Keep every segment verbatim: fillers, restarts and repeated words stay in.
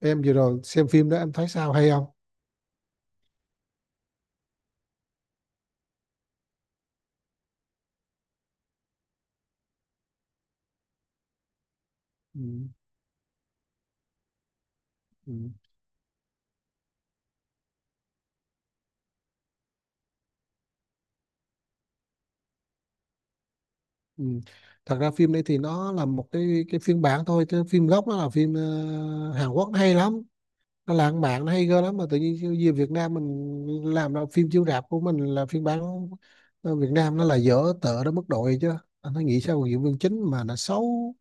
Em vừa rồi xem phim đó em thấy sao, hay không? Ừ, ừ, ừ. Thật ra phim đấy thì nó là một cái cái phiên bản thôi, chứ phim gốc nó là phim ờ, Hàn Quốc nó hay lắm, nó lãng mạn nó hay ghê lắm. Mà tự nhiên về Việt Nam mình làm ra phim chiếu rạp của mình là phiên bản ờ, Việt Nam nó là dở tợ đến mức độ vậy chứ. Anh thấy nghĩ sao mà diễn viên chính mà nó xấu,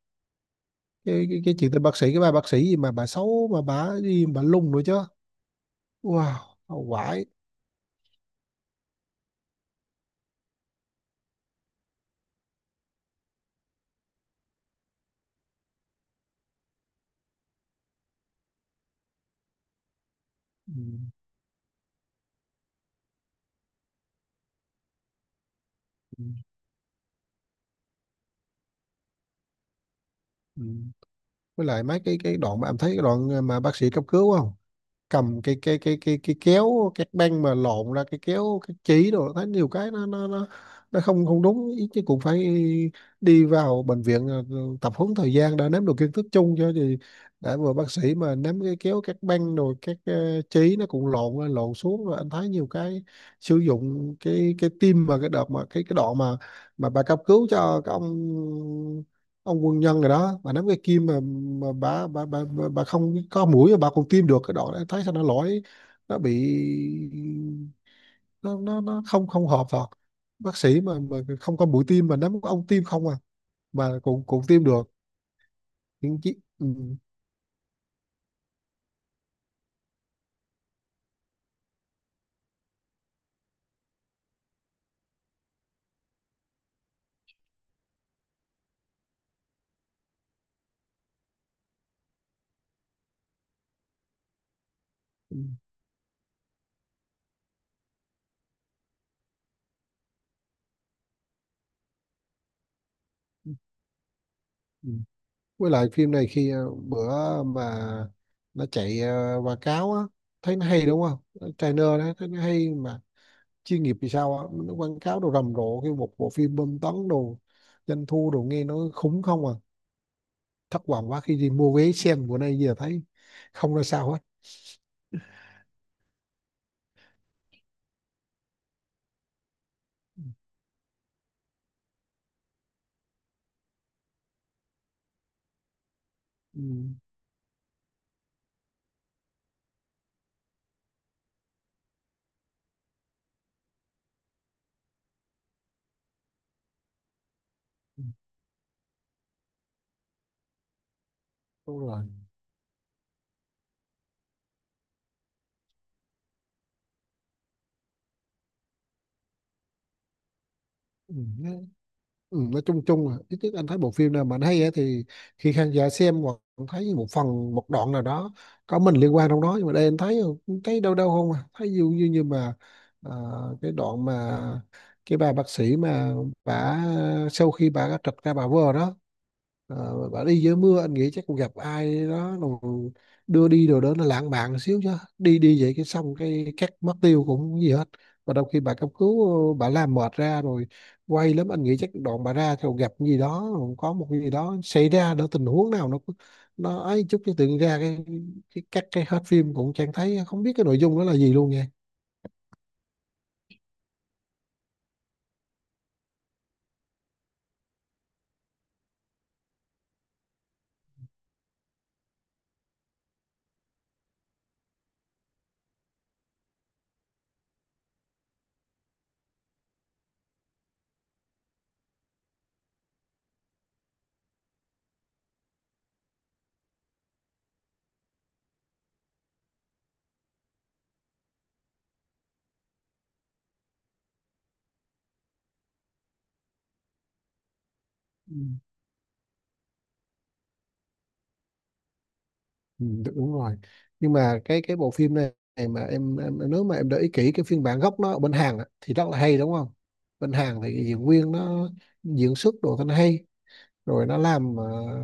cái, cái, cái chuyện tên bác sĩ, cái bà bác sĩ gì mà bà xấu, mà bà gì mà bà lung nữa chứ. Wow, quải. Ừ, ừ, ừ. Với lại mấy cái cái đoạn mà em thấy cái đoạn ờ, mà bác sĩ cấp cứu, không cầm cái cái cái cái cái kéo các băng mà lộn ra cái kéo, cái chỉ đồ, thấy nhiều cái nó nó nó nó không không đúng ý. Chứ cũng phải đi vào bệnh viện, ờ, ờ, tập huấn thời gian đã nắm được kiến thức chung cho thì đã vừa. Bác sĩ mà nắm cái kéo các băng rồi các ờ, chỉ nó cũng lộn lên lộn xuống. Rồi anh thấy nhiều cái sử dụng cái cái tim, mà cái đợt mà cái cái đoạn mà mà bà cấp cứu cho cái ông ông quân nhân rồi đó, bà nắm cái kim mà, mà bà, bà, bà bà bà không có mũi mà bà còn tiêm được, cái đó thấy sao nó lỗi, nó bị, nó nó, nó không không hợp thật. Bác sĩ mà mà không có mũi tiêm mà nắm có ông tiêm không à, mà cũng cũng tiêm được những chi. Ừ, ừ, ừ. Ừ. Với lại phim này khi ờ, bữa mà nó chạy ờ, quảng cáo á, thấy nó hay đúng không, trailer đó thấy nó hay mà chuyên nghiệp. Thì sao á, nó quảng cáo đồ rầm rộ, kêu một bộ phim bom tấn đồ, doanh thu đồ nghe nó khủng không à. Thất vọng quá khi đi mua vé xem bữa nay, giờ thấy không ra sao hết. Ừ. Ừ, đúng rồi. ừ. nó- ừ, nói chung chung là ít nhất anh thấy bộ phim nào mà anh hay á thì khi khán giả xem hoặc thấy một phần, một đoạn nào đó có mình liên quan trong đó. Nhưng mà đây anh thấy, thấy đâu đâu không à, thấy dường như như mà à, cái đoạn mà cái bà bác sĩ mà bà sau khi bà trật ra bà vờ đó. Ờ, bà đi dưới mưa, anh nghĩ chắc cũng gặp ai đó rồi đưa đi đồ đó nó lãng mạn xíu chứ, đi đi vậy cái xong cái cắt mất tiêu cũng gì hết. Và đôi khi bà cấp cứu ờ, bà làm mệt ra rồi, quay lắm anh nghĩ chắc đoạn bà ra rồi gặp cái gì đó rồi, có một cái gì đó xảy ra đó, tình huống nào nó nó ấy chút cái tự nhiên ra cái cái cắt cái hết phim cũng chẳng thấy, không biết cái nội dung đó là gì luôn nha. Ừ, đúng rồi. Nhưng mà cái cái bộ phim này này mà em, em nếu mà em để ý kỹ cái phiên bản gốc nó ở bên Hàn á, thì rất là hay đúng không. Bên Hàn thì diễn viên nó diễn xuất đồ thanh hay, rồi nó làm mà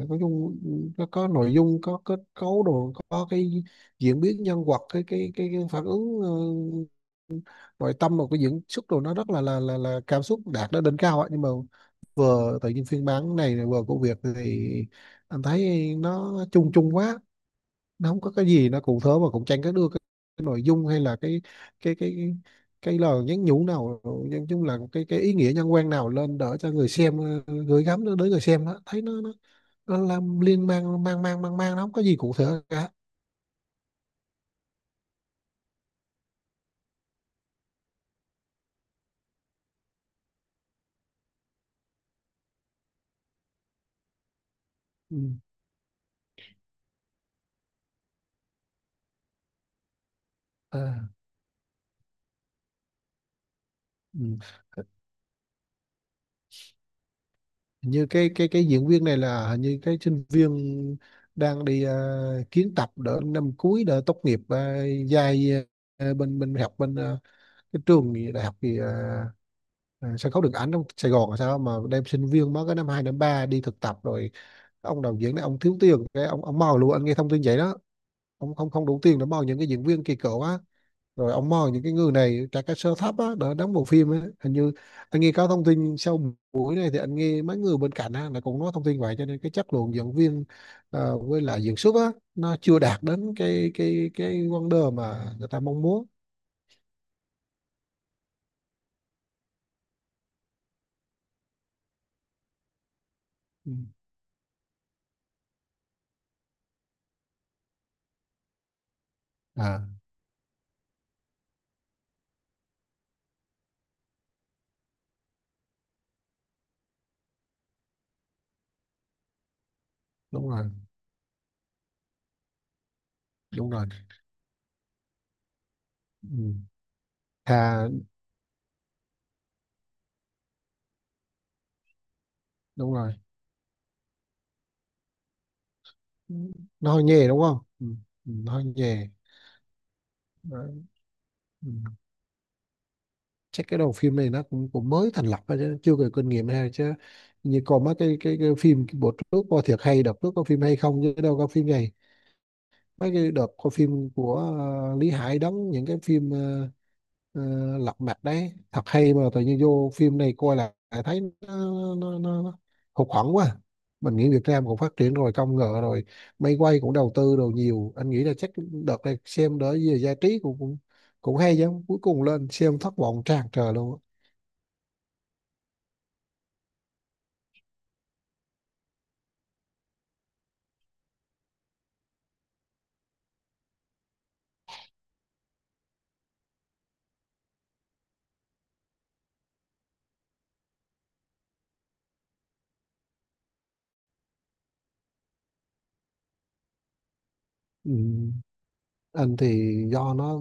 nói chung nó có nội dung, có kết cấu đồ, có cái diễn biến nhân vật, cái cái cái, cái phản ứng ờ, nội tâm và cái diễn xuất đồ nó rất là là là, là cảm xúc đạt đến đỉnh cao ấy. Nhưng mà vừa tự nhiên phiên bản này vừa của Việt thì anh thấy nó chung chung quá, nó không có cái gì nó cụ thể, mà cũng chẳng có đưa cái, cái nội dung hay là cái cái cái cái, lời nhắn nhủ nào, nói chung là cái cái ý nghĩa nhân quan nào lên đỡ cho người xem ờ, gửi gắm nó đến người xem đó, thấy nó nó, nó làm liên mang mang mang mang mang nó không có gì cụ thể cả. Ừ. À, ừ. Hình như cái cái cái diễn viên này là hình như cái sinh viên đang đi ờ, kiến tập đỡ năm cuối đỡ tốt nghiệp uh, dài ờ, bên bên học bên ờ, cái trường gì, đại học gì ờ, à, sân khấu điện ảnh trong Sài Gòn. Là sao mà đem sinh viên mới cái năm hai năm ba đi thực tập? Rồi ông đạo diễn này ông thiếu tiền cái ông ông mò luôn, anh nghe thông tin vậy đó. Ông không không đủ tiền để mò những cái diễn viên kỳ cựu á, rồi ông mò những cái người này trả cái sơ thấp á để đóng bộ phim á, hình như anh nghe có thông tin sau buổi này thì anh nghe mấy người bên cạnh á là cũng nói thông tin vậy. Cho nên cái chất lượng diễn viên ờ, với lại diễn xuất á nó chưa đạt đến cái cái cái wonder mà người ta mong muốn. Ừ. À, đúng rồi, đúng rồi. Ừ. Thà đúng rồi. Ừ. Nó hơi nhè đúng không? Ừ. Ừ, nó hơi nhè. Đấy. Ừ. Chắc cái đầu phim này nó cũng cũng mới thành lập thôi chứ chưa có kinh nghiệm hay chứ. Như còn mấy cái cái, cái phim bữa trước coi thiệt hay, đợt trước có phim hay, không chứ đâu có phim này. Mấy cái đợt coi phim của ờ, Lý Hải đóng những cái phim ờ, ờ, lật mặt đấy thật hay, mà tự nhiên vô phim này coi lại lại thấy nó, nó, nó, nó hụt hẫng quá. Mình nghĩ Việt Nam cũng phát triển rồi, công nghệ rồi máy quay cũng đầu tư đồ nhiều, anh nghĩ là chắc đợt này xem đỡ về giải trí cũng cũng cũng hay chứ, cuối cùng lên xem thất vọng tràn trề luôn. Ừ. Anh thì do nó,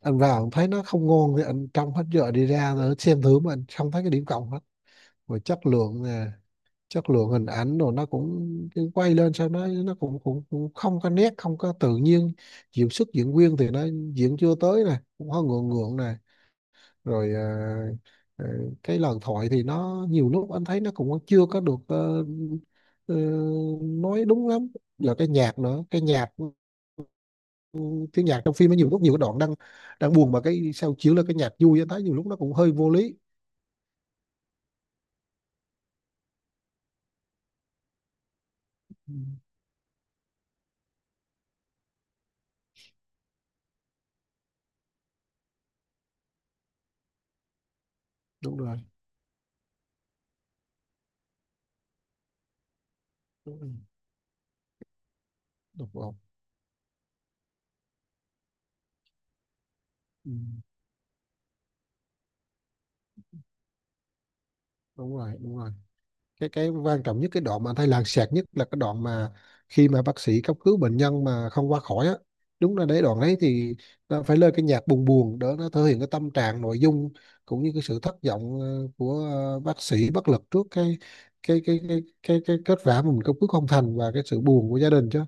anh vào thấy nó không ngon thì anh trong hết giờ đi ra, rồi xem thử mà anh không thấy cái điểm cộng hết. Và chất lượng nè, chất lượng hình ảnh rồi nó cũng, cái quay lên sao nó nó cũng cũng, cũng không có nét, không có tự nhiên. Diễn xuất diễn viên thì nó diễn chưa tới nè, cũng hơi ngượng ngượng nè. Rồi à, à, cái lời thoại thì nó nhiều lúc anh thấy nó cũng chưa có được ờ, ờ, nói đúng lắm. Là cái nhạc nữa, cái nhạc, ừ, tiếng nhạc trong phim nó nhiều lúc nhiều cái đoạn đang đang buồn mà cái sao chiếu là cái nhạc vui, anh thấy nhiều lúc nó cũng hơi vô lý. Ừ, đúng rồi, đúng rồi, đúng rồi. Ừ. Đúng rồi, đúng rồi. Cái cái quan trọng nhất cái đoạn mà anh thấy làng xẹt nhất là cái đoạn mà khi mà bác sĩ cấp cứu bệnh nhân mà không qua khỏi á, đúng là đấy, đoạn đấy thì nó phải lên cái nhạc buồn buồn để nó thể hiện cái tâm trạng nội dung, cũng như cái sự thất vọng ờ, của ờ, bác sĩ bất lực trước cái cái cái cái cái, cái kết quả mà mình cấp cứu không thành, và cái sự buồn của gia đình chứ.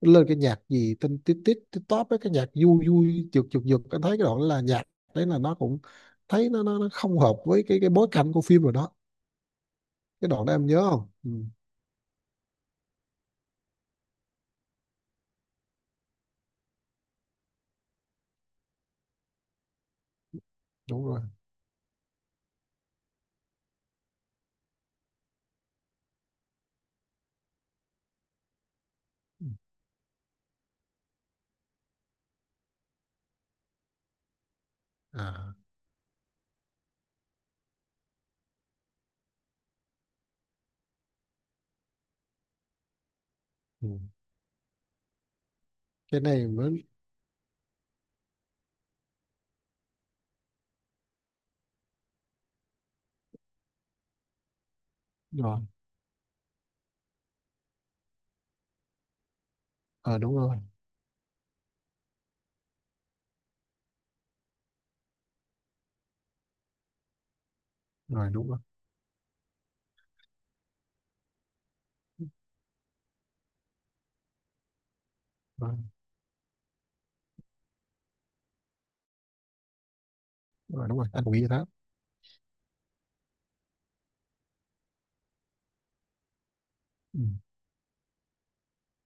Lên cái nhạc gì tinh tít tít tít tóp với cái nhạc vui vui giật giật giật, anh thấy cái đoạn đó là nhạc đấy là nó cũng, thấy nó nó, nó không hợp với cái cái bối cảnh của phim rồi đó. Cái đoạn đó em nhớ không? Ừ, đúng rồi. Ừ. À, ừ. Cái này mới. Rồi. Ờ đúng rồi. Rồi, đúng rồi. Rồi, rồi, đúng rồi, anh cũng nghĩ vậy đó. Ừ.